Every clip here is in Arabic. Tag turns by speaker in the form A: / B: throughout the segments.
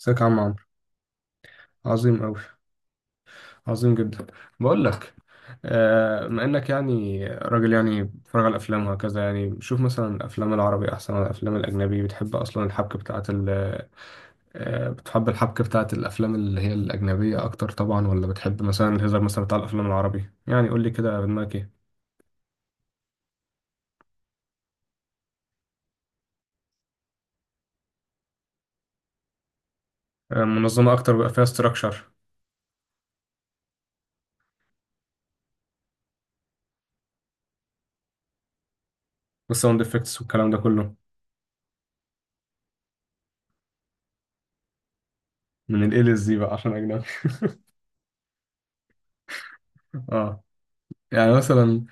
A: ازيك يا عم عمرو؟ عظيم أوي. عظيم جدا. بقول لك، بما انك يعني راجل يعني بتتفرج على الافلام وهكذا. يعني شوف مثلا، الافلام العربي احسن ولا الافلام الاجنبي؟ بتحب اصلا الحبكه بتاعه ال بتحب الحبكه بتاعه الافلام اللي هي الاجنبيه اكتر طبعا، ولا بتحب مثلا الهزار مثلا بتاع الافلام العربي؟ يعني قول لي كده دماغك ايه. منظمه اكتر بقى، فيها استراكشر. والساوند افكتس والكلام ده كله. من الاي للزي بقى عشان اجنبي. اه. يعني مثلا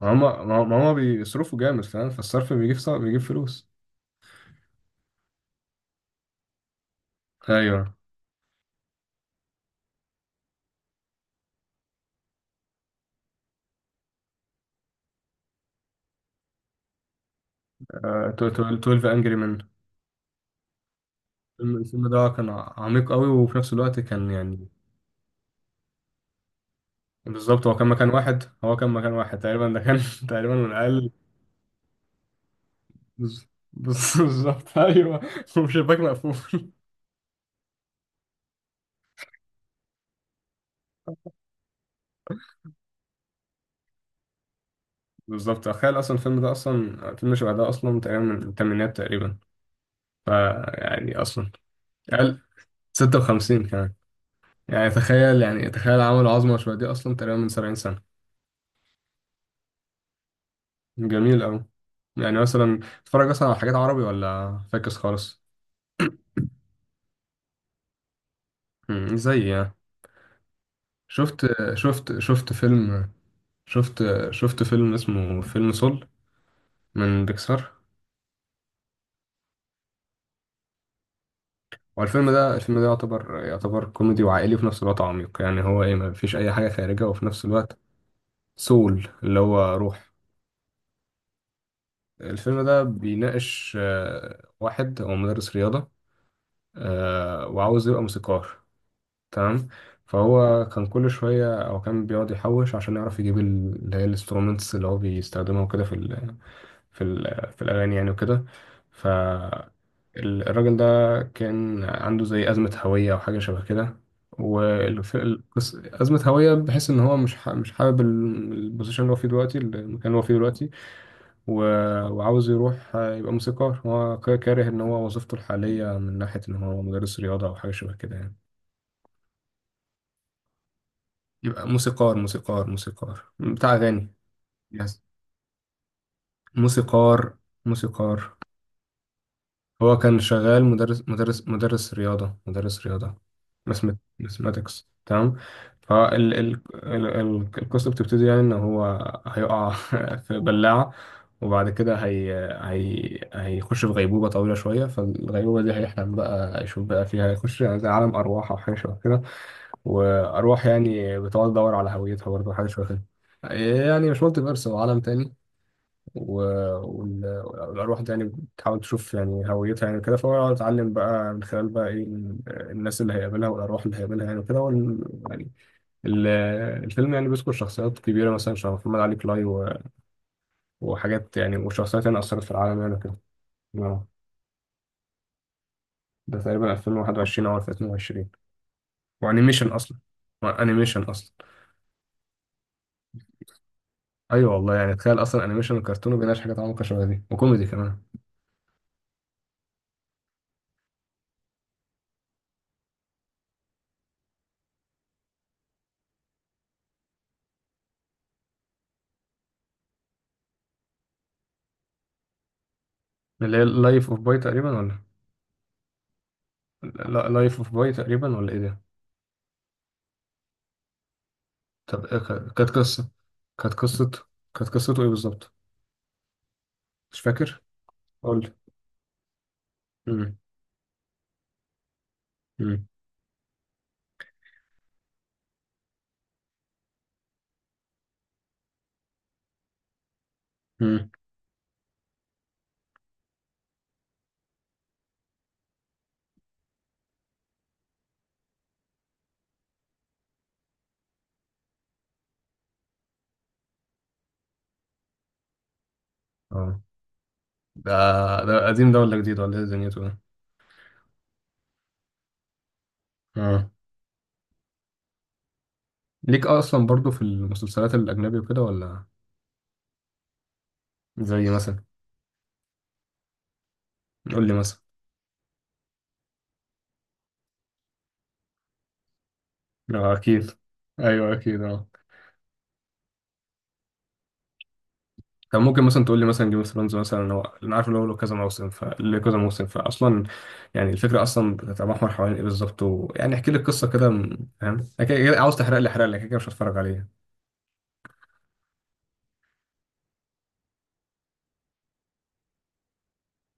A: ما هما بيصرفوا جامد فاهم، فالصرف بيجيب بيجيب فلوس. ايوه. 12 انجري مان. الفيلم ده كان عميق قوي، وفي نفس الوقت كان يعني. بالظبط، هو كان مكان واحد، هو كان مكان واحد تقريبا، ده كان تقريبا من اقل. بز- بالظبط ايوه. وشباك مقفول. بالظبط، تخيل اصلا الفيلم ده اصلا فيلم شبه ده اصلا تقريبا من الثمانينات تقريبا. فيعني اصلا اقل. 56 كمان. يعني تخيل، يعني تخيل عملوا عظمه شبه دي اصلا تقريبا من 70 سنه. جميل أوي. يعني مثلا بتتفرج مثلا على حاجات عربي ولا فاكس خالص؟ مم، زي يعني. شفت شفت شفت فيلم شفت شفت فيلم اسمه فيلم سول من بيكسار. والفيلم ده يعتبر كوميدي وعائلي وفي نفس الوقت عميق. يعني هو ايه، ما فيش اي حاجة خارجة وفي نفس الوقت. سول اللي هو روح. الفيلم ده بيناقش واحد هو مدرس رياضة، وعاوز يبقى موسيقار. تمام. فهو كان كل شوية أو كان بيقعد يحوش عشان يعرف يجيب اللي هي الانسترومنتس اللي هو بيستخدمها وكده، في في الأغاني يعني وكده. فالراجل ده كان عنده زي أزمة هوية أو حاجة شبه كده. والقصة أزمة هوية، بحيث إن هو مش حابب البوزيشن اللي هو فيه دلوقتي، المكان اللي هو فيه دلوقتي. وعاوز يروح يبقى موسيقار. هو كاره إن هو وظيفته الحالية من ناحية إن هو مدرس رياضة أو حاجة شبه كده يعني. يبقى موسيقار، موسيقار بتاع أغاني. يس. موسيقار. موسيقار. هو كان شغال مدرس، مدرس رياضة. ماثماتكس. تمام. فال القصة بتبتدي يعني إن هو هيقع في بلاعة. وبعد كده هي هي هيخش في غيبوبة طويلة شوية، فالغيبوبة دي هيحلم بقى يشوف بقى فيها، يخش يعني زي عالم أرواح أو حاجة شبه كده. واروح يعني بتقعد ادور على هويتها برضه، حاجه شبه كده. يعني مش مالتي فيرس، هو عالم تاني. و... وال... والأرواح دي يعني بتحاول تشوف يعني هويتها يعني كده، فهو اتعلم بقى من خلال بقى إيه، الناس اللي هيقابلها والأرواح اللي هيقابلها يعني كده. وال... يعني ال... الفيلم يعني بيذكر شخصيات كبيرة مثلا شبه محمد علي كلاي، و... وحاجات يعني، وشخصيات يعني أثرت في العالم يعني كده. ده تقريبا 2021 أو 2022. وأنيميشن أصلا. وأنيميشن أصلا. ايوه والله، يعني تخيل اصلا انيميشن وكرتون وبيناقش حاجات عمقى شبه دي، وكوميدي كمان. اللي هي لايف اوف باي تقريبا، ولا؟ لا لايف اوف باي تقريبا ولا ايه ده؟ طب إيه، كانت قصه كانت قصته ايه بالظبط؟ مش فاكر. قول لي. مم. مم. مم. اه. ده، ده قديم ده ولا جديد ولا ايه دنيته ده؟ اه. ليك اصلا برضو في المسلسلات الاجنبي وكده، ولا؟ زي مثلا، قول لي مثلا. اه اكيد. ايوه اكيد اه. طب ممكن مثلا تقول لي مثلا جيم اوف ثرونز مثلا؟ هو انا عارف ان هو له كذا موسم، فله كذا موسم، فاصلا يعني الفكره اصلا بتتمحور حوالين ايه بالظبط؟ ويعني احكي لي القصه كده، فاهم؟ أنا كده عاوز، تحرق لي، احرق لي كده، كده مش هتفرج عليه.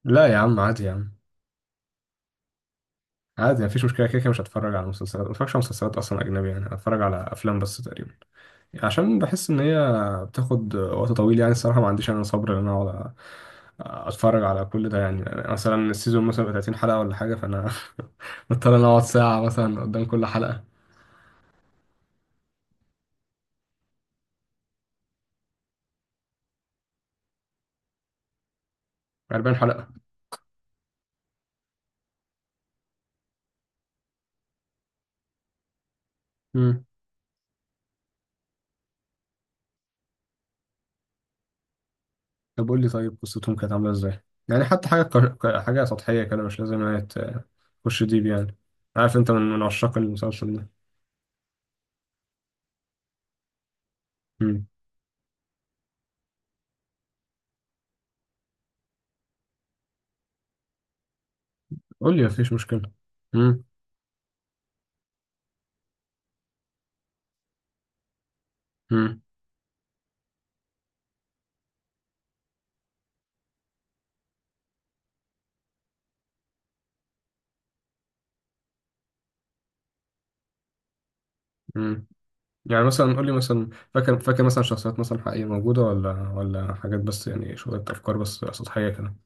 A: لا يا عم عادي يا عم. عادي مفيش مشكله، كده كده مش هتفرج على مسلسلات. ما بتفرجش على مسلسلات اصلا اجنبي يعني، هتفرج على افلام بس تقريبا. عشان بحس ان هي بتاخد وقت طويل يعني. الصراحه ما عنديش انا صبر ان انا اقعد اتفرج على كل ده. يعني مثلا السيزون مثلا بيبقى 30 حلقه ولا حاجه، فانا بضطر ان اقعد ساعه مثلا قدام كل حلقه. 40 حلقه. امم. طب قول لي، طيب قصتهم كانت عامله ازاي؟ يعني حتى حاجه حاجه سطحيه كده، مش لازم هي تخش ديب يعني. عارف انت من عشاق المسلسل ده. امم. قول لي مفيش مشكله. امم. امم. يعني مثلا قول لي مثلا، فاكر مثلا شخصيات مثلا حقيقية موجودة، ولا حاجات بس يعني شوية أفكار بس سطحية كده؟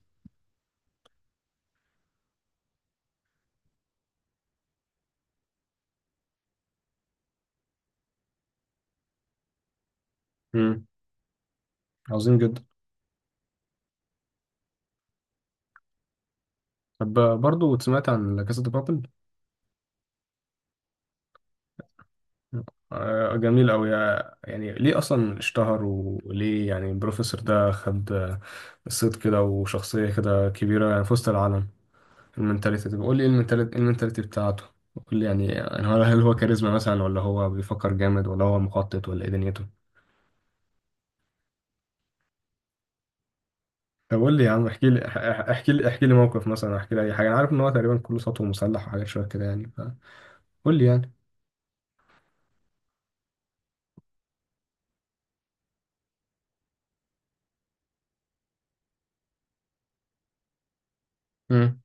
A: امم. عظيم جدا. طب برضه سمعت عن لا كاسا دي بابل. جميل أوي. يعني ليه أصلا اشتهر، وليه يعني البروفيسور ده خد صيت كده وشخصية كده كبيرة يعني في وسط العالم؟ المنتاليتي؟ طب قول لي إيه المنتاليتي، إيه المنتاليتي بتاعته؟ قول لي يعني، يعني هل هو كاريزما مثلا، ولا هو بيفكر جامد، ولا هو مخطط، ولا إيه دنيته؟ طب قول لي يا عم، احكي لي احكي لي موقف مثلا، احكي لي اي حاجه. انا عارف ان هو تقريبا كله سطو مسلح وحاجات شويه كده يعني، فقول لي يعني. امم.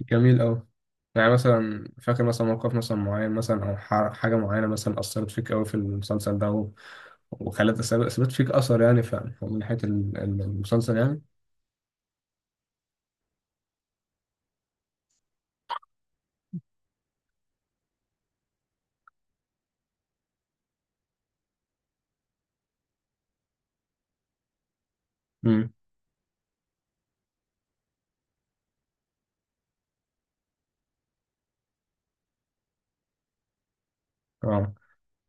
A: جميل أوي. يعني مثلا فاكر مثلا موقف مثلا معين مثلا، أو حاجة معينة مثلا أثرت فيك أوي في المسلسل ده، وخلت سابت فيك أثر يعني، من ناحية المسلسل يعني. امم. اه،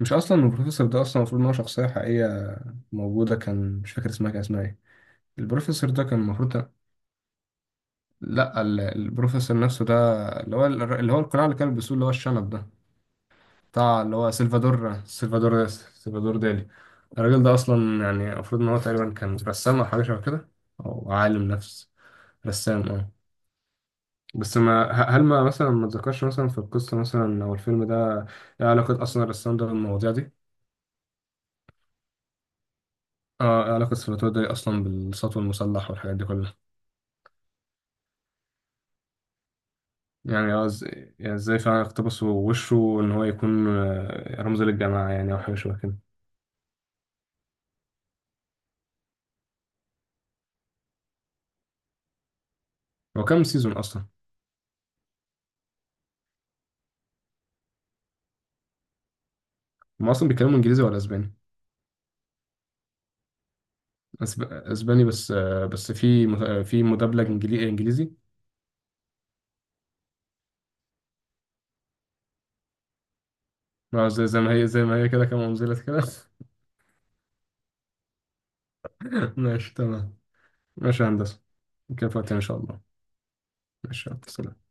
A: مش أصلا البروفيسور ده أصلا المفروض إن هو شخصية حقيقية موجودة كان، مش فاكر اسمها كان اسمها إيه؟ البروفيسور ده كان المفروض. لا، البروفيسور نفسه ده، اللي هو القناع اللي كان بيلبسوه، اللي هو الشنب ده. بتاع اللي هو سلفادور، سلفادور دالي. الراجل ده اصلا يعني المفروض ان هو تقريبا كان رسام او حاجه شبه كده. او عالم نفس. رسام اه. بس ما ه- هل ما مثلا ما اتذكرش مثلا في القصه مثلا او الفيلم ده، ايه علاقه اصلا الرسام ده بالمواضيع دي؟ اه، ايه علاقه سلفادور دالي اصلا بالسطو المسلح والحاجات دي كلها؟ يعني يعني ازاي فعلا اقتبسوا وشه ان هو يكون رمز للجماعه يعني، او حاجه شبه كده؟ هو كام سيزون اصلا؟ هم اصلا بيتكلموا انجليزي ولا اسباني؟ اسباني، بس بس في في مدبلج انجليزي. زي، زي ما هي كده، كما انزلت كده. ماشي تمام. ماشي يا هندسة. نكمل في وقتنا ان شاء الله. ماشي يلا، سلام.